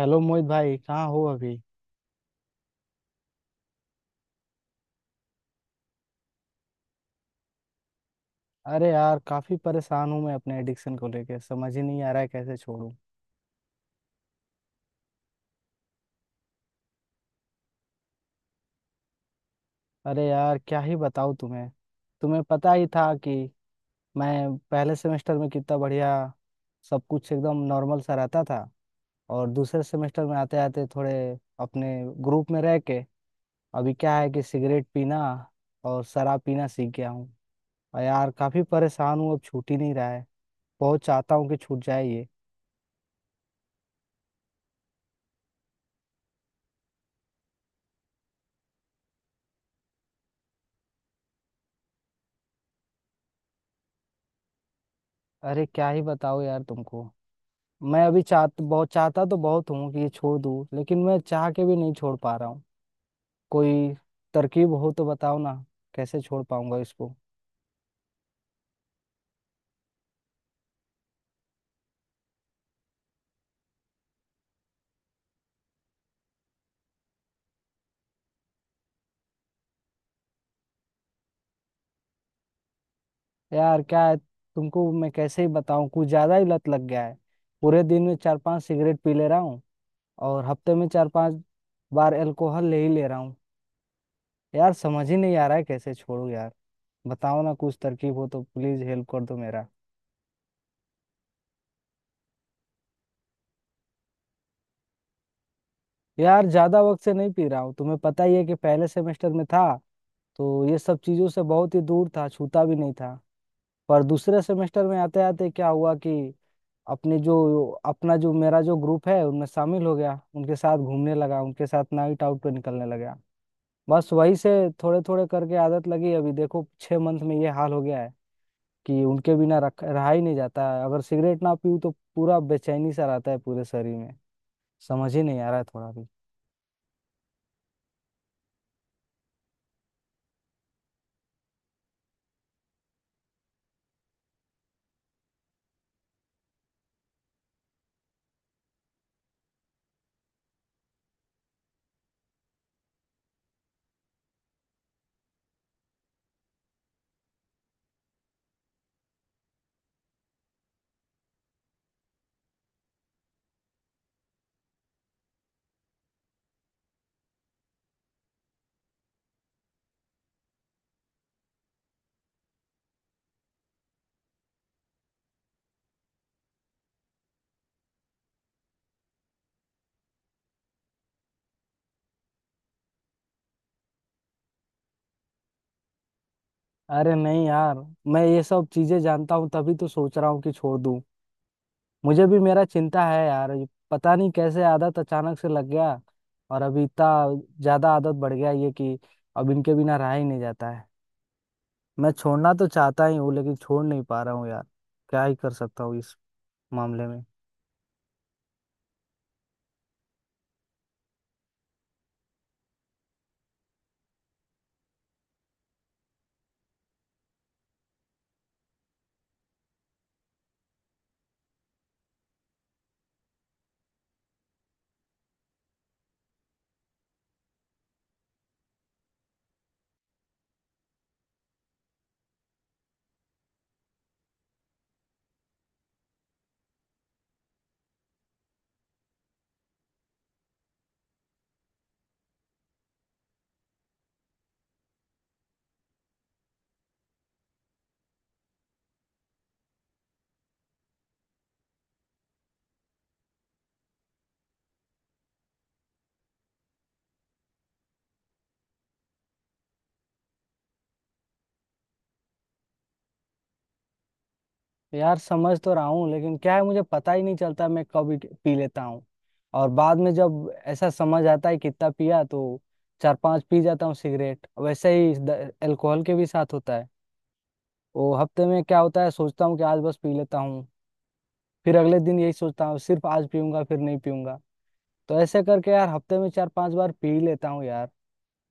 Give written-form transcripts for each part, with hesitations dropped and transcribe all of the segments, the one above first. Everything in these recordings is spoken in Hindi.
हेलो मोहित भाई कहाँ हो अभी। अरे यार काफी परेशान हूँ, मैं अपने एडिक्शन को लेके समझ ही नहीं आ रहा है कैसे छोड़ूं। अरे यार क्या ही बताऊँ तुम्हें। तुम्हें पता ही था कि मैं पहले सेमेस्टर में कितना बढ़िया, सब कुछ एकदम नॉर्मल सा रहता था। और दूसरे सेमेस्टर में आते आते थोड़े अपने ग्रुप में रह के अभी क्या है कि सिगरेट पीना और शराब पीना सीख गया हूँ। और यार काफी परेशान हूँ, अब छूट ही नहीं रहा है। बहुत चाहता हूँ कि छूट जाए ये। अरे क्या ही बताओ यार तुमको। मैं अभी चाह बहुत चाहता तो बहुत हूँ कि ये छोड़ दूँ, लेकिन मैं चाह के भी नहीं छोड़ पा रहा हूँ। कोई तरकीब हो तो बताओ ना, कैसे छोड़ पाऊंगा इसको। यार क्या है तुमको मैं कैसे ही बताऊँ, कुछ ज्यादा ही लत लग गया है। पूरे दिन में 4-5 सिगरेट पी ले रहा हूँ, और हफ्ते में 4-5 बार अल्कोहल ले ही ले रहा हूँ। यार समझ ही नहीं आ रहा है कैसे छोड़ू यार। बताओ ना कुछ तरकीब हो तो प्लीज हेल्प कर दो मेरा। यार ज्यादा वक्त से नहीं पी रहा हूँ, तुम्हें पता ही है कि पहले सेमेस्टर में था तो ये सब चीजों से बहुत ही दूर था, छूता भी नहीं था। पर दूसरे सेमेस्टर में आते आते क्या हुआ कि अपने जो अपना जो मेरा जो ग्रुप है उनमें शामिल हो गया, उनके साथ घूमने लगा, उनके साथ नाइट आउट पे निकलने लगा। बस वही से थोड़े थोड़े करके आदत लगी, अभी देखो 6 मंथ में ये हाल हो गया है कि उनके बिना रख रहा ही नहीं जाता है। अगर सिगरेट ना पीऊँ तो पूरा बेचैनी सा रहता है पूरे शरीर में, समझ ही नहीं आ रहा है थोड़ा भी। अरे नहीं यार, मैं ये सब चीजें जानता हूँ तभी तो सोच रहा हूँ कि छोड़ दूँ। मुझे भी मेरा चिंता है यार, ये पता नहीं कैसे आदत अचानक से लग गया, और अभी इतना ज्यादा आदत बढ़ गया ये कि अब इनके बिना रहा ही नहीं जाता है। मैं छोड़ना तो चाहता ही हूँ, लेकिन छोड़ नहीं पा रहा हूँ यार। क्या ही कर सकता हूँ इस मामले में। यार समझ तो रहा हूँ, लेकिन क्या है मुझे पता ही नहीं चलता मैं कब पी लेता हूँ, और बाद में जब ऐसा समझ आता है कितना पिया तो 4-5 पी जाता हूँ सिगरेट। वैसे ही अल्कोहल के भी साथ होता है। वो हफ्ते में क्या होता है, सोचता हूँ कि आज बस पी लेता हूँ, फिर अगले दिन यही सोचता हूँ सिर्फ आज पीऊंगा फिर नहीं पीऊंगा। तो ऐसे करके यार हफ्ते में 4-5 बार पी लेता हूँ यार,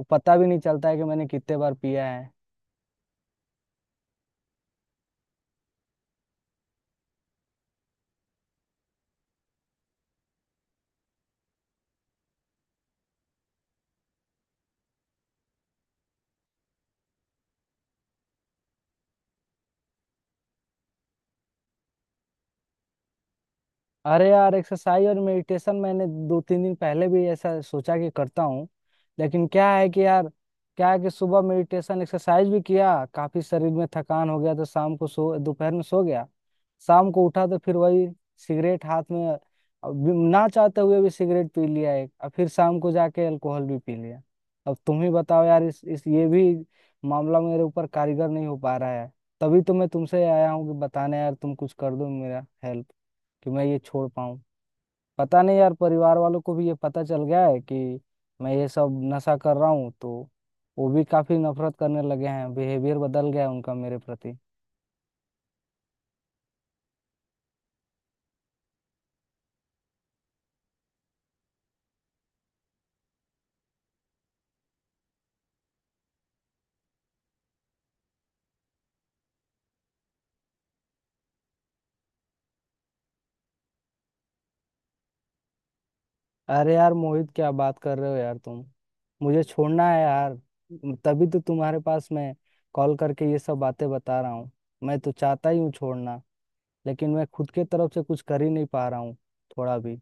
वो पता भी नहीं चलता है कि मैंने कितने बार पिया है। अरे यार, एक्सरसाइज और मेडिटेशन मैंने 2-3 दिन पहले भी ऐसा सोचा कि करता हूँ, लेकिन क्या है कि यार क्या है कि सुबह मेडिटेशन एक्सरसाइज भी किया, काफी शरीर में थकान हो गया, तो शाम को सो दोपहर में सो गया। शाम को उठा तो फिर वही सिगरेट हाथ में। अब ना चाहते हुए भी सिगरेट पी लिया एक, और फिर शाम को जाके अल्कोहल भी पी लिया। अब तुम ही बताओ यार, इस ये भी मामला मेरे ऊपर कारीगर नहीं हो पा रहा है। तभी तो मैं तुमसे आया हूँ कि बताने, यार तुम कुछ कर दो मेरा हेल्प कि मैं ये छोड़ पाऊँ। पता नहीं यार, परिवार वालों को भी ये पता चल गया है कि मैं ये सब नशा कर रहा हूँ तो वो भी काफी नफरत करने लगे हैं, बिहेवियर बदल गया है उनका मेरे प्रति। अरे यार मोहित, क्या बात कर रहे हो यार तुम। मुझे छोड़ना है यार, तभी तो तुम्हारे पास मैं कॉल करके ये सब बातें बता रहा हूँ। मैं तो चाहता ही हूँ छोड़ना, लेकिन मैं खुद के तरफ से कुछ कर ही नहीं पा रहा हूँ थोड़ा भी।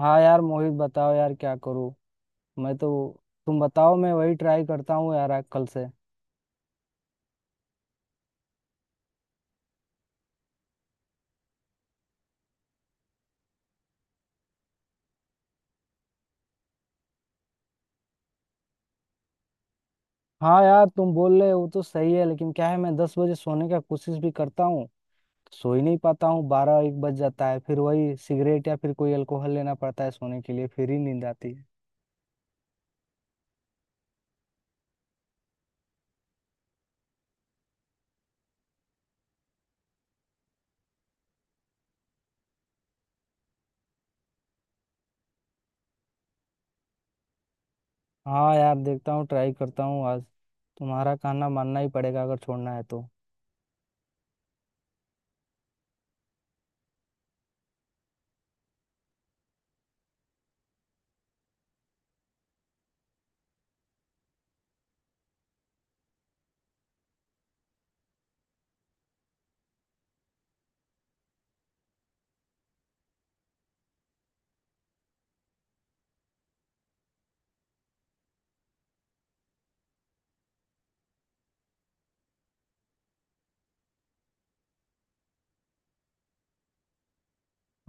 हाँ यार मोहित, बताओ यार क्या करूँ, मैं तो, तुम बताओ मैं वही ट्राई करता हूँ यार आज कल से। हाँ यार, तुम बोल रहे हो तो सही है, लेकिन क्या है मैं 10 बजे सोने का कोशिश भी करता हूँ सो ही नहीं पाता हूँ, 12-1 बज जाता है फिर वही सिगरेट या फिर कोई अल्कोहल लेना पड़ता है सोने के लिए फिर ही नींद आती है। हाँ यार, देखता हूँ ट्राई करता हूँ आज, तुम्हारा कहना मानना ही पड़ेगा अगर छोड़ना है तो।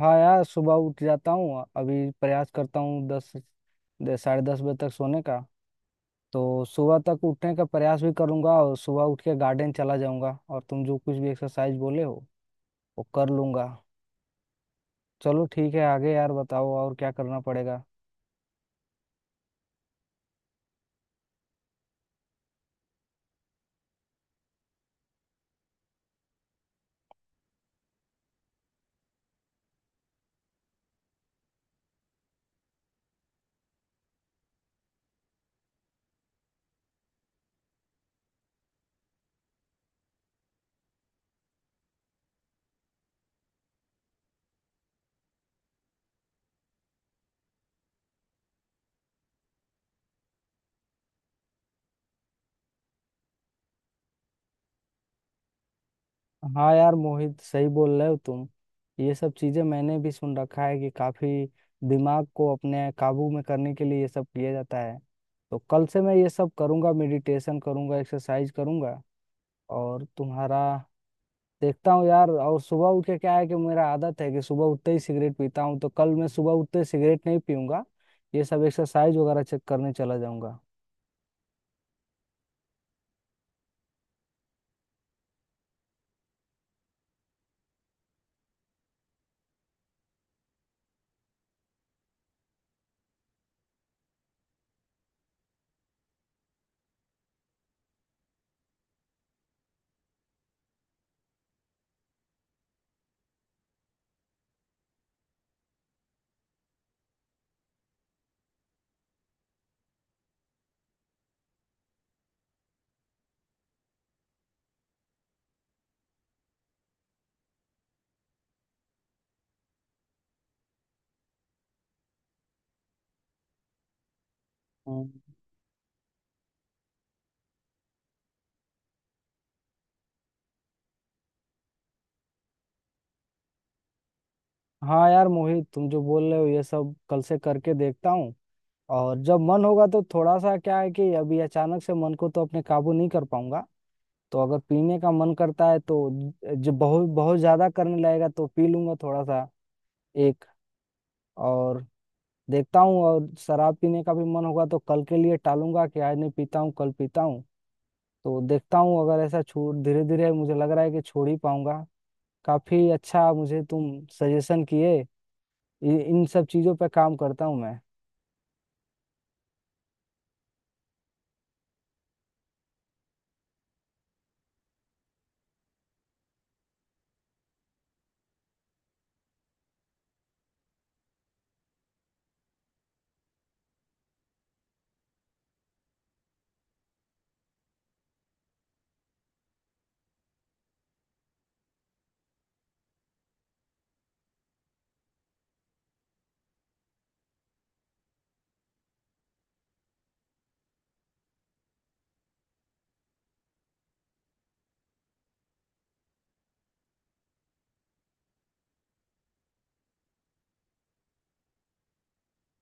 हाँ यार, सुबह उठ जाता हूँ, अभी प्रयास करता हूँ दस 10:30 बजे तक सोने का, तो सुबह तक उठने का प्रयास भी करूंगा और सुबह उठ के गार्डन चला जाऊंगा और तुम जो कुछ भी एक्सरसाइज बोले हो वो कर लूंगा। चलो ठीक है, आगे यार बताओ और क्या करना पड़ेगा। हाँ यार मोहित सही बोल रहे हो तुम, ये सब चीजें मैंने भी सुन रखा है कि काफी दिमाग को अपने काबू में करने के लिए ये सब किया जाता है। तो कल से मैं ये सब करूंगा, मेडिटेशन करूंगा, एक्सरसाइज करूंगा और तुम्हारा देखता हूँ यार। और सुबह उठ के क्या है कि मेरा आदत है कि सुबह उठते ही सिगरेट पीता हूँ, तो कल मैं सुबह उठते ही सिगरेट नहीं पीऊंगा, ये सब एक्सरसाइज वगैरह चेक करने चला जाऊंगा। हम्म। हाँ यार मोहित, तुम जो बोल रहे हो ये सब कल से करके देखता हूँ। और जब मन होगा तो थोड़ा सा, क्या है कि अभी अचानक से मन को तो अपने काबू नहीं कर पाऊंगा, तो अगर पीने का मन करता है तो जो बहुत बहुत ज्यादा करने लगेगा तो पी लूंगा थोड़ा सा एक। और देखता हूँ, और शराब पीने का भी मन होगा तो कल के लिए टालूंगा कि आज नहीं पीता हूँ कल पीता हूँ। तो देखता हूँ अगर ऐसा छोड़ धीरे धीरे, मुझे लग रहा है कि छोड़ ही पाऊंगा। काफी अच्छा मुझे तुम सजेशन किए, इन सब चीजों पे काम करता हूँ मैं।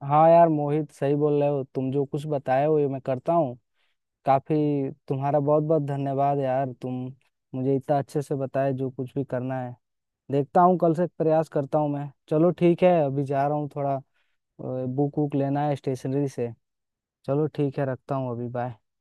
हाँ यार मोहित सही बोल रहे हो तुम, जो कुछ बताए हो ये मैं करता हूँ। काफी तुम्हारा बहुत बहुत धन्यवाद यार, तुम मुझे इतना अच्छे से बताए जो कुछ भी करना है। देखता हूँ कल से प्रयास करता हूँ मैं। चलो ठीक है, अभी जा रहा हूँ, थोड़ा बुक वुक लेना है स्टेशनरी से। चलो ठीक है, रखता हूँ अभी, बाय।